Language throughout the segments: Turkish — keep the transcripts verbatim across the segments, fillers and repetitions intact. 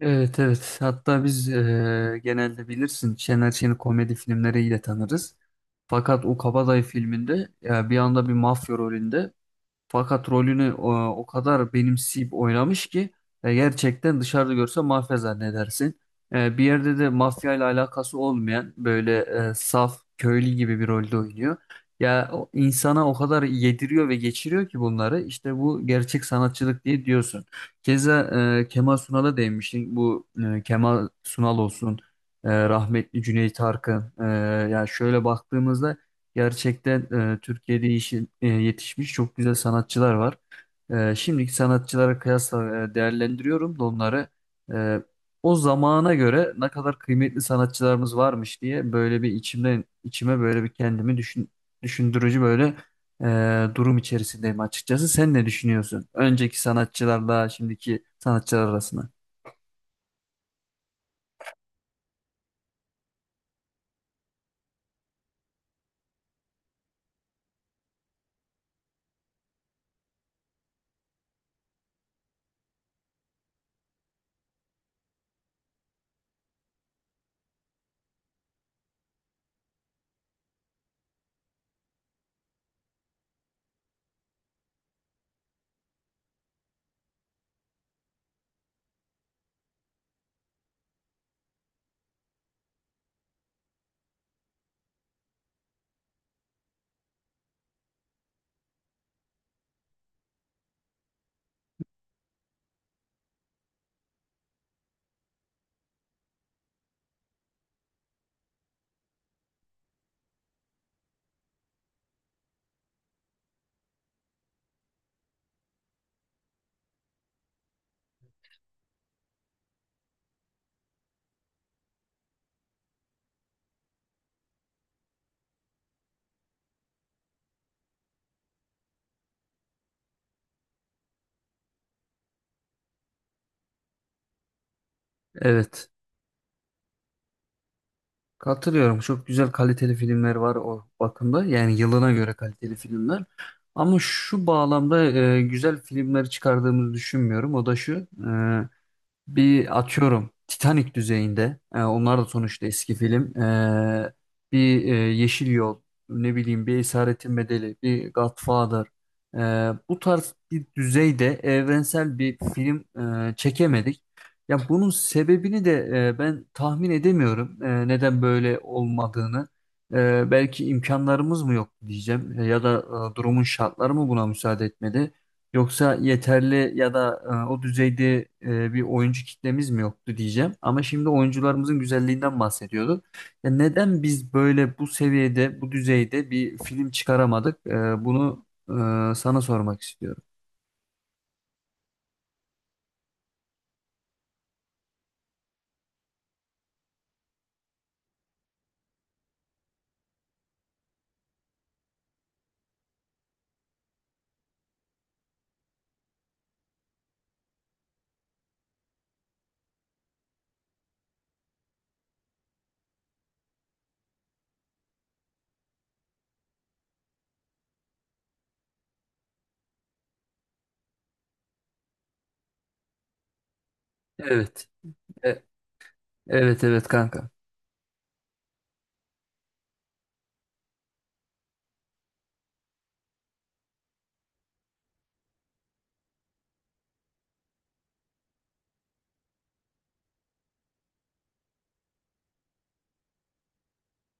Evet, evet, hatta biz eee, genelde bilirsin Şener Şen'i komedi filmleriyle tanırız. Fakat o Kabadayı filminde ya bir anda bir mafya rolünde, fakat rolünü o, o kadar benimseyip oynamış ki e, gerçekten dışarıda görse mafya zannedersin. E, bir yerde de mafya ile alakası olmayan böyle e, saf köylü gibi bir rolde oynuyor. Ya o, insana o kadar yediriyor ve geçiriyor ki bunları işte bu gerçek sanatçılık diye diyorsun. Keza e, Kemal Sunal'a değinmiştin. Bu e, Kemal Sunal olsun, e, rahmetli Cüneyt Arkın. E, ya şöyle baktığımızda gerçekten e, Türkiye'de işi, e, yetişmiş çok güzel sanatçılar var. E, şimdiki sanatçılara kıyasla e, değerlendiriyorum da onları. E, O zamana göre ne kadar kıymetli sanatçılarımız varmış diye böyle bir içimden içime böyle bir kendimi düşün, düşündürücü böyle e, durum içerisindeyim açıkçası. Sen ne düşünüyorsun? Önceki sanatçılarla şimdiki sanatçılar arasında. Evet. Katılıyorum. Çok güzel kaliteli filmler var o bakımda. Yani yılına göre kaliteli filmler. Ama şu bağlamda e, güzel filmler çıkardığımızı düşünmüyorum. O da şu. Bir atıyorum Titanic düzeyinde. E, onlar da sonuçta eski film. E, bir e, Yeşil Yol, ne bileyim bir Esaretin Bedeli, bir Godfather. E, Bu tarz bir düzeyde evrensel bir film e, çekemedik. Ya bunun sebebini de e, ben tahmin edemiyorum. E, neden böyle olmadığını. E, belki imkanlarımız mı yok diyeceğim, E, ya da e, durumun şartları mı buna müsaade etmedi. Yoksa yeterli ya da e, o düzeyde e, bir oyuncu kitlemiz mi yoktu diyeceğim. Ama şimdi oyuncularımızın güzelliğinden bahsediyorduk. Ya neden biz böyle bu seviyede, bu düzeyde bir film çıkaramadık? E, bunu e, sana sormak istiyorum. Evet. E, evet, evet kanka.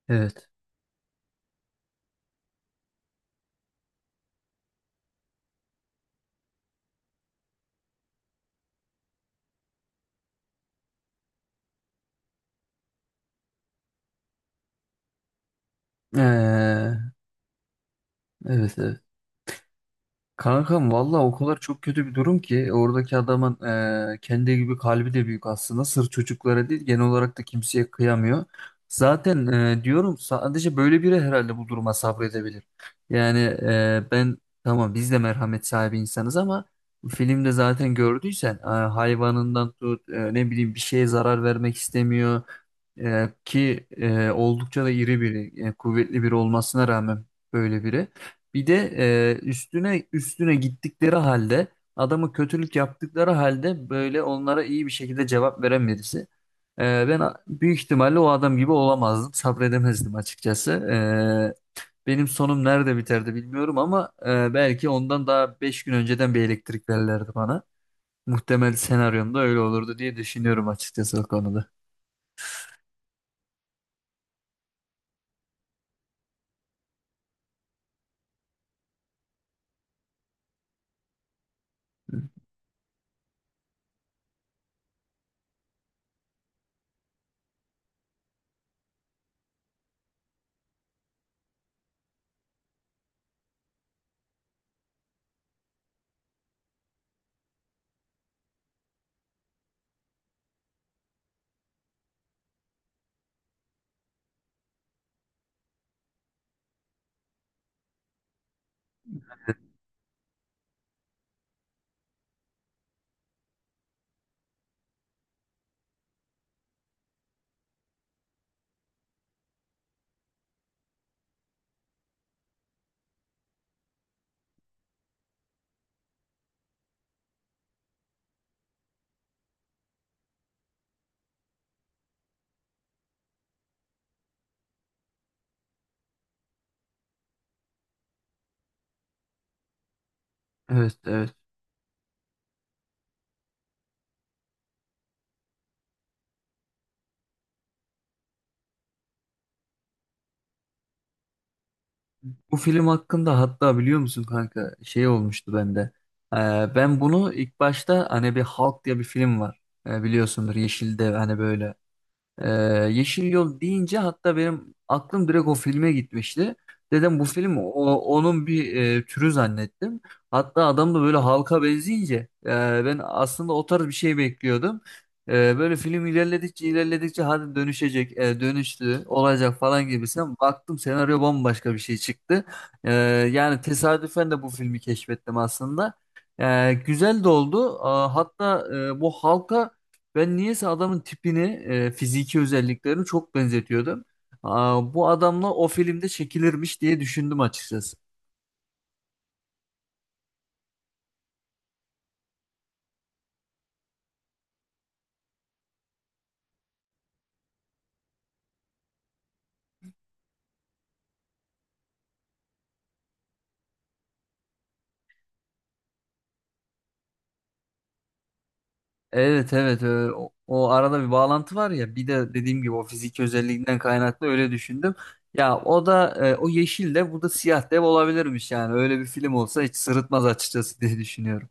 Evet. Ee, evet, evet. Kankam valla o kadar çok kötü bir durum ki oradaki adamın e, kendi gibi kalbi de büyük aslında. Sırf çocuklara değil genel olarak da kimseye kıyamıyor. Zaten e, diyorum sadece böyle biri herhalde bu duruma sabredebilir. Yani e, ben, tamam biz de merhamet sahibi insanız ama filmde zaten gördüysen e, hayvanından tut, e, ne bileyim, bir şeye zarar vermek istemiyor. E, ki e, oldukça da iri biri, e, kuvvetli biri olmasına rağmen böyle biri. Bir de e, üstüne üstüne gittikleri halde, adamı kötülük yaptıkları halde böyle onlara iyi bir şekilde cevap veren birisi. E, ben a- büyük ihtimalle o adam gibi olamazdım, sabredemezdim açıkçası. E, benim sonum nerede biterdi bilmiyorum ama e, belki ondan daha beş gün önceden bir elektrik verirlerdi bana. Muhtemel senaryomda öyle olurdu diye düşünüyorum açıkçası o konuda. Evet, evet. Bu film hakkında hatta biliyor musun kanka, şey olmuştu bende. Ee, Ben bunu ilk başta, hani bir Hulk diye bir film var. Ee, biliyorsundur Yeşildev, hani böyle ee, Yeşil Yol deyince hatta benim aklım direkt o filme gitmişti. Dedim bu film o, onun bir e, türü zannettim. Hatta adam da böyle halka benzeyince e, ben aslında o tarz bir şey bekliyordum. E, böyle film ilerledikçe ilerledikçe hadi dönüşecek, e, dönüştü, olacak falan gibisinden baktım, senaryo bambaşka bir şey çıktı. E, Yani tesadüfen de bu filmi keşfettim aslında. E, güzel de oldu. E, hatta e, bu halka ben niyeyse adamın tipini, e, fiziki özelliklerini çok benzetiyordum. Aa, bu adamla o filmde çekilirmiş diye düşündüm açıkçası. Evet evet, e, o, o arada bir bağlantı var ya, bir de dediğim gibi o fiziki özelliğinden kaynaklı öyle düşündüm. Ya o da, e, o yeşil de bu da siyah dev olabilirmiş yani, öyle bir film olsa hiç sırıtmaz açıkçası diye düşünüyorum.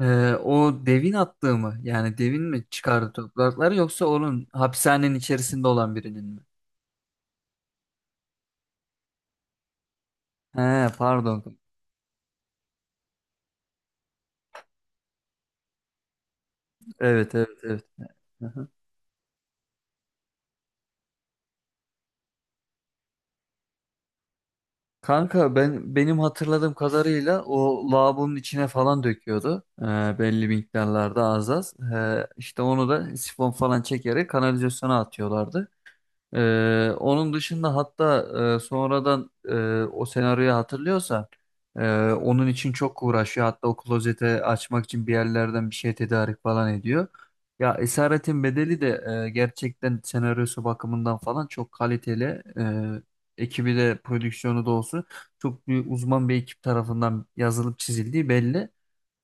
E, O devin attığı mı, yani devin mi çıkardı toprakları yoksa onun hapishanenin içerisinde olan birinin mi? He, pardon. Evet, evet, evet. Aha. Kanka ben, benim hatırladığım kadarıyla o lavabonun içine falan döküyordu. Ee, belli miktarlarda, az az. Ee, işte onu da sifon falan çekerek kanalizasyona atıyorlardı. Ee, onun dışında hatta e, sonradan e, o senaryoyu hatırlıyorsan e, onun için çok uğraşıyor. Hatta o klozete açmak için bir yerlerden bir şey tedarik falan ediyor. Ya Esaretin Bedeli de e, gerçekten senaryosu bakımından falan çok kaliteli. E, ekibi de prodüksiyonu da olsun çok büyük uzman bir ekip tarafından yazılıp çizildiği belli.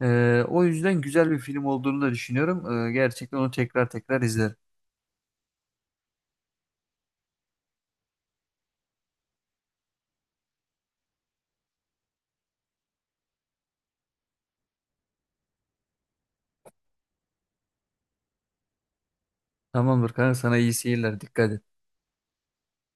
E, o yüzden güzel bir film olduğunu da düşünüyorum. E, gerçekten onu tekrar tekrar izlerim. Tamamdır kanka, sana iyi seyirler. Dikkat et.